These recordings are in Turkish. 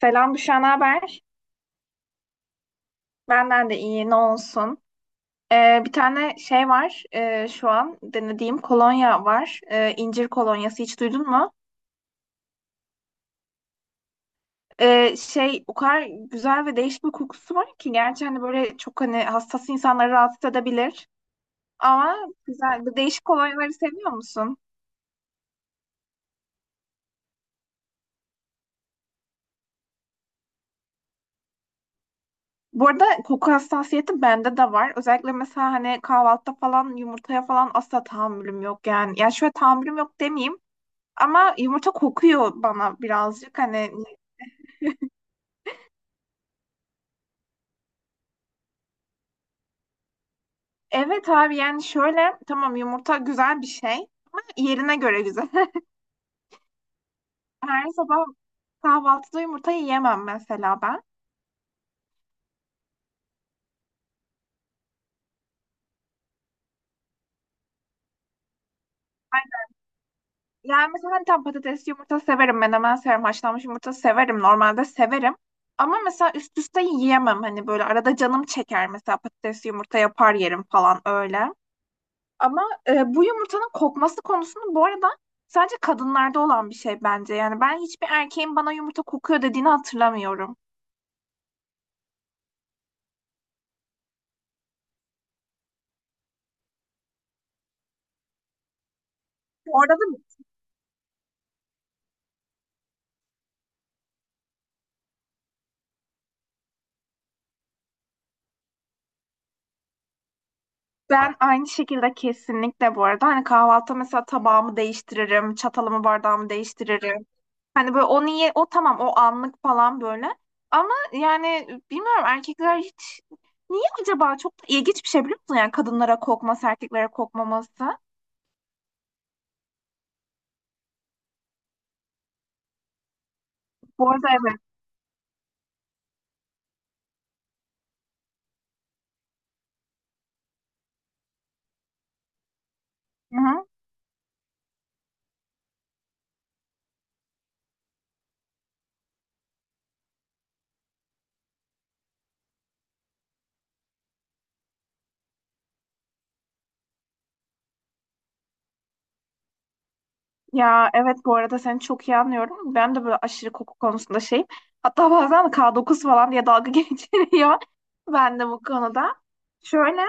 Selam Büşra, ne haber? Benden de iyi, ne olsun. Bir tane şey var, şu an denediğim kolonya var. İncir kolonyası hiç duydun mu? Şey, o kadar güzel ve değişik bir kokusu var ki, gerçi hani böyle çok hani hassas insanları rahatsız edebilir. Ama güzel, bu değişik kolonyaları seviyor musun? Bu arada, koku hassasiyeti bende de var. Özellikle mesela hani kahvaltıda falan yumurtaya falan asla tahammülüm yok yani. Ya şöyle, tahammülüm yok demeyeyim. Ama yumurta kokuyor bana birazcık hani. Evet abi, yani şöyle, tamam, yumurta güzel bir şey, ama yerine göre güzel. Her sabah kahvaltıda yumurta yiyemem mesela ben. Yani mesela hani tam patates yumurta severim, menemen severim, haşlanmış yumurta severim, normalde severim. Ama mesela üst üste yiyemem, hani böyle arada canım çeker, mesela patates yumurta yapar yerim falan öyle. Ama bu yumurtanın kokması konusunu, bu arada, sadece kadınlarda olan bir şey bence. Yani ben hiçbir erkeğin bana yumurta kokuyor dediğini hatırlamıyorum. Bu arada ben aynı şekilde, kesinlikle bu arada hani kahvaltı mesela, tabağımı değiştiririm, çatalımı bardağımı değiştiririm. Hani böyle, o niye, o tamam, o anlık falan böyle. Ama yani bilmiyorum, erkekler hiç niye acaba, çok da ilginç bir şey biliyor musun? Yani kadınlara kokması, erkeklere kokmaması. Bu arada evet. Hı hı. Ya evet, bu arada seni çok iyi anlıyorum. Ben de böyle aşırı koku konusunda şeyim. Hatta bazen K9 falan diye dalga geçiliyor. Ben de bu konuda. Şöyle,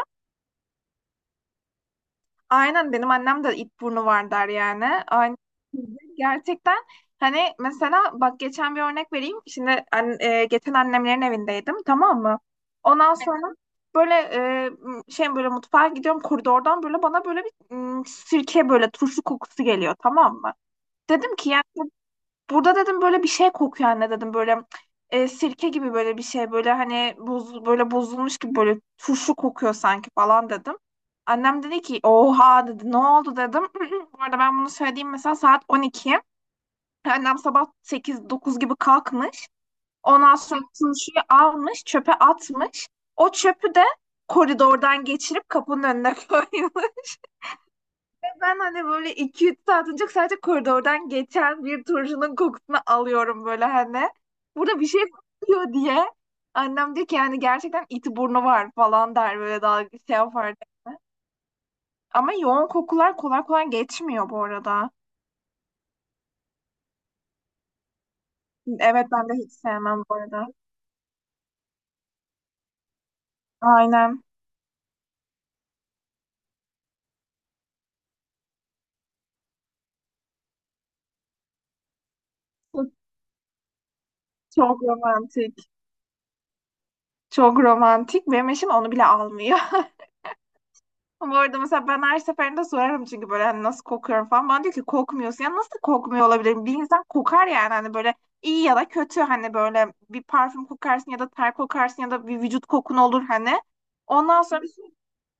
aynen, benim annem de it burnu var der yani. Aynen. Gerçekten hani mesela bak, geçen bir örnek vereyim. Şimdi geçen annemlerin evindeydim, tamam mı? Ondan sonra böyle şey, böyle mutfağa gidiyorum koridordan, böyle bana böyle bir sirke, böyle turşu kokusu geliyor, tamam mı? Dedim ki yani, burada dedim böyle bir şey kokuyor anne dedim, böyle sirke gibi böyle bir şey, böyle hani, böyle bozulmuş gibi böyle turşu kokuyor sanki falan dedim. Annem dedi ki oha, dedi ne oldu dedim. Bu arada ben bunu söylediğim mesela saat 12. Annem sabah 8-9 gibi kalkmış. Ondan sonra turşuyu almış, çöpe atmış. O çöpü de koridordan geçirip kapının önüne koymuş. Ben hani böyle iki üç saat önce sadece koridordan geçen bir turşunun kokusunu alıyorum böyle hani. Burada bir şey kokuyor diye. Annem diyor ki yani, gerçekten iti burnu var falan der, böyle dalga şey yapar. Ama yoğun kokular kolay kolay geçmiyor bu arada. Evet, ben de hiç sevmem bu arada. Aynen. Çok romantik. Çok romantik. Benim eşim onu bile almıyor. Ama bu arada mesela ben her seferinde sorarım, çünkü böyle hani nasıl kokuyorum falan. Bana diyor ki kokmuyorsun. Ya nasıl kokmuyor olabilirim? Bir insan kokar yani, hani böyle iyi ya da kötü, hani böyle bir parfüm kokarsın ya da ter kokarsın ya da bir vücut kokun olur hani. Ondan sonra,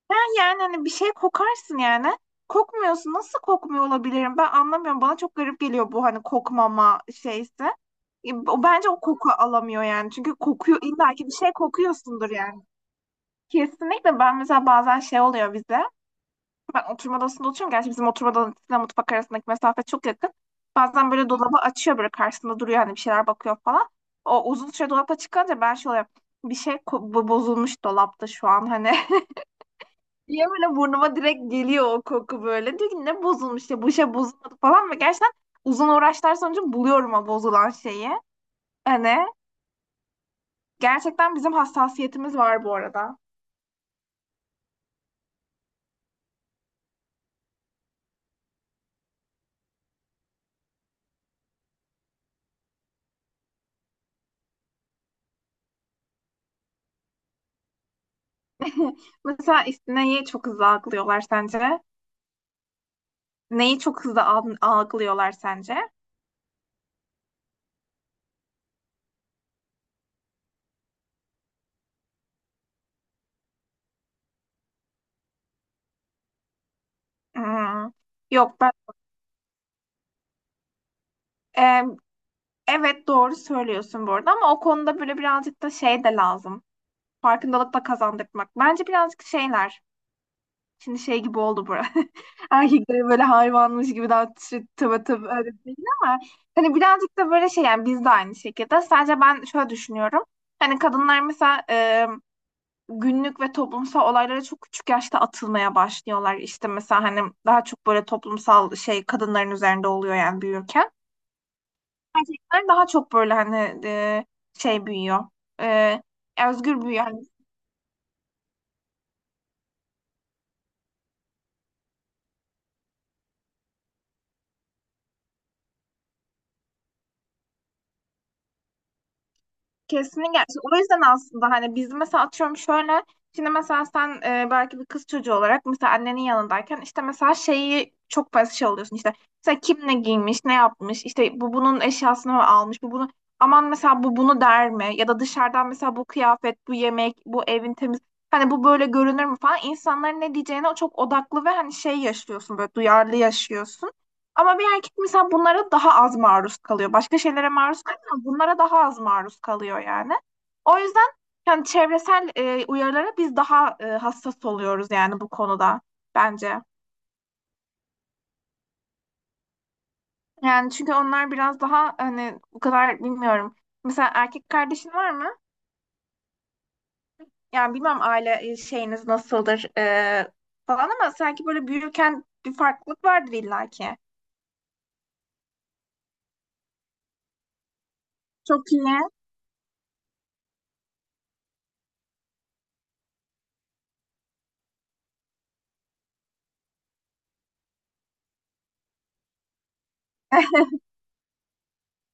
"Ha yani hani bir şey kokarsın yani. Kokmuyorsun. Nasıl kokmuyor olabilirim? Ben anlamıyorum. Bana çok garip geliyor bu hani kokmama şeysi. Bence o koku alamıyor yani. Çünkü kokuyor, illa ki bir şey kokuyorsundur yani. Kesinlikle, ben mesela bazen şey oluyor bize. Ben oturma odasında oturuyorum. Gerçi bizim oturma odasıyla mutfak arasındaki mesafe çok yakın. Bazen böyle dolabı açıyor, böyle karşısında duruyor, hani bir şeyler bakıyor falan. O uzun süre dolapta çıkınca ben şöyle, bir şey bozulmuş dolapta şu an hani. Diye böyle burnuma direkt geliyor o koku böyle. Diyor ki ne bozulmuş ya, bu şey bozulmadı falan, ve gerçekten uzun uğraşlar sonucu buluyorum o bozulan şeyi. Hani gerçekten bizim hassasiyetimiz var bu arada. Mesela istineyi çok hızlı algılıyorlar sence? Neyi çok hızlı algılıyorlar sence? Hmm, yok ben, e, evet, doğru söylüyorsun bu arada, ama o konuda böyle birazcık da şey de lazım. Farkındalık da kazandırmak. Bence birazcık şeyler. Şimdi şey gibi oldu bu. Erkeklere böyle hayvanmış gibi, daha tıvı tıvı öyle değil, ama hani birazcık da böyle şey yani, biz de aynı şekilde. Sadece ben şöyle düşünüyorum. Hani kadınlar mesela, günlük ve toplumsal olaylara çok küçük yaşta atılmaya başlıyorlar. İşte mesela hani daha çok böyle toplumsal şey kadınların üzerinde oluyor yani büyürken. Erkekler daha çok böyle hani şey büyüyor. E, Özgür büyüyor. Hani kesinlikle. İşte, o yüzden aslında hani biz mesela, atıyorum şöyle, şimdi mesela sen, belki bir kız çocuğu olarak mesela annenin yanındayken, işte mesela şeyi çok fazla şey oluyorsun, işte mesela kim ne giymiş, ne yapmış, işte bu bunun eşyasını mı almış, bu bunu aman, mesela bu bunu der mi, ya da dışarıdan mesela, bu kıyafet, bu yemek, bu evin temiz hani, bu böyle görünür mü falan, insanların ne diyeceğine çok odaklı, ve hani şey yaşıyorsun, böyle duyarlı yaşıyorsun. Ama bir erkek mesela bunlara daha az maruz kalıyor. Başka şeylere maruz kalıyor ama bunlara daha az maruz kalıyor yani. O yüzden, yani çevresel uyarılara biz daha hassas oluyoruz yani, bu konuda bence. Yani çünkü onlar biraz daha hani, bu kadar bilmiyorum. Mesela erkek kardeşin var mı? Yani bilmem, aile şeyiniz nasıldır falan, ama sanki böyle büyürken bir farklılık vardır illaki. Çok iyi.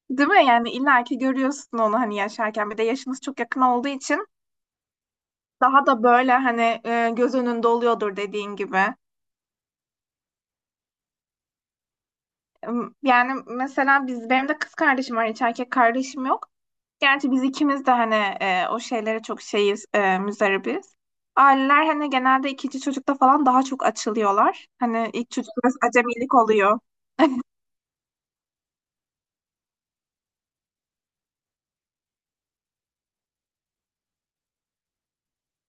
Değil mi? Yani illaki görüyorsun onu hani yaşarken. Bir de yaşınız çok yakın olduğu için daha da böyle hani göz önünde oluyordur dediğin gibi. Yani mesela biz, benim de kız kardeşim var, hiç erkek kardeşim yok. Gerçi biz ikimiz de hani, o şeylere çok şeyiz, müzdaribiz. Aileler hani genelde ikinci çocukta falan daha çok açılıyorlar. Hani ilk çocuk biraz acemilik oluyor.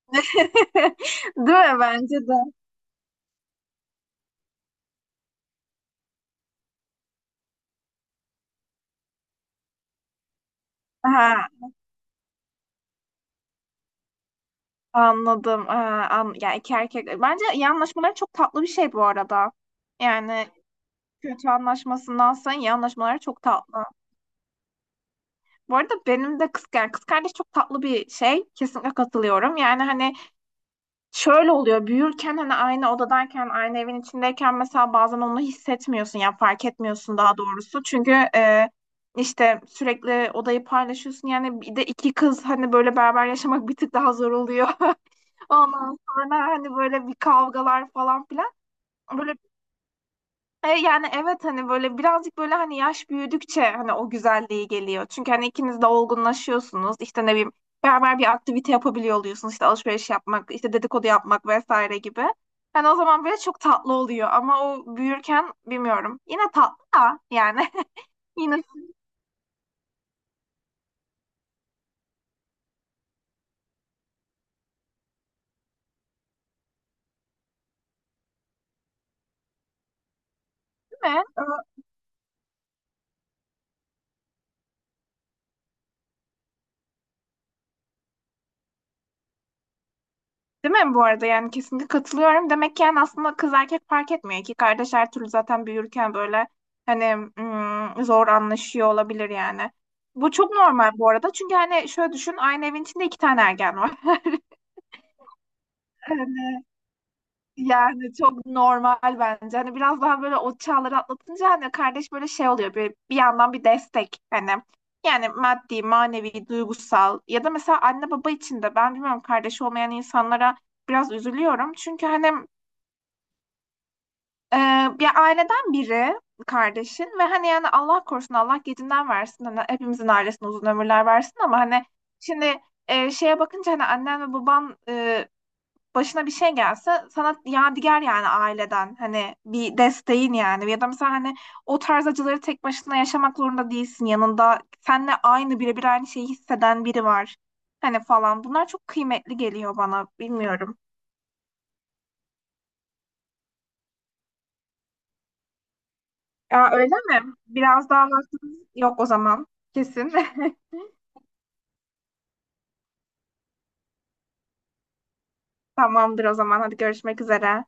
Değil mi? Bence de. Ha, anladım. Ha, an, yani iki erkek. Bence iyi anlaşmaları çok tatlı bir şey bu arada. Yani kötü anlaşmasındansa iyi anlaşmaları çok tatlı. Bu arada benim de kız, yani kız kardeş çok tatlı bir şey. Kesinlikle katılıyorum. Yani hani şöyle oluyor. Büyürken hani aynı odadayken, aynı evin içindeyken mesela bazen onu hissetmiyorsun. Yani fark etmiyorsun daha doğrusu. Çünkü e, işte sürekli odayı paylaşıyorsun. Yani bir de iki kız hani böyle beraber yaşamak bir tık daha zor oluyor. Ondan sonra hani böyle bir kavgalar falan filan. Böyle yani evet, hani böyle birazcık böyle, hani yaş büyüdükçe hani o güzelliği geliyor. Çünkü hani ikiniz de olgunlaşıyorsunuz. İşte ne bileyim, beraber bir aktivite yapabiliyor oluyorsunuz. İşte alışveriş yapmak, işte dedikodu yapmak, vesaire gibi. Yani o zaman böyle çok tatlı oluyor, ama o büyürken bilmiyorum. Yine tatlı da yani. Yine değil mi? Değil mi, bu arada yani kesinlikle katılıyorum. Demek ki yani aslında kız erkek fark etmiyor. İki kardeş her türlü zaten büyürken böyle hani, zor anlaşıyor olabilir yani. Bu çok normal bu arada. Çünkü hani şöyle düşün, aynı evin içinde iki tane ergen var. Hani, yani çok normal bence. Hani biraz daha böyle o çağları atlatınca hani kardeş böyle şey oluyor. Bir yandan bir destek hani. Yani maddi, manevi, duygusal, ya da mesela anne baba için de, ben bilmiyorum, kardeş olmayan insanlara biraz üzülüyorum. Çünkü hani, Ee, bir aileden biri kardeşin, ve hani yani Allah korusun, Allah gecinden versin, hani hepimizin ailesine uzun ömürler versin, ama hani şimdi şeye bakınca hani annen ve baban, başına bir şey gelse sana yadigar yani aileden, hani bir desteğin yani, ya da mesela hani o tarz acıları tek başına yaşamak zorunda değilsin, yanında seninle aynı, birebir aynı şeyi hisseden biri var hani falan, bunlar çok kıymetli geliyor bana, bilmiyorum. Aa, öyle mi? Biraz daha vaktimiz yok o zaman. Kesin. Tamamdır o zaman. Hadi görüşmek üzere.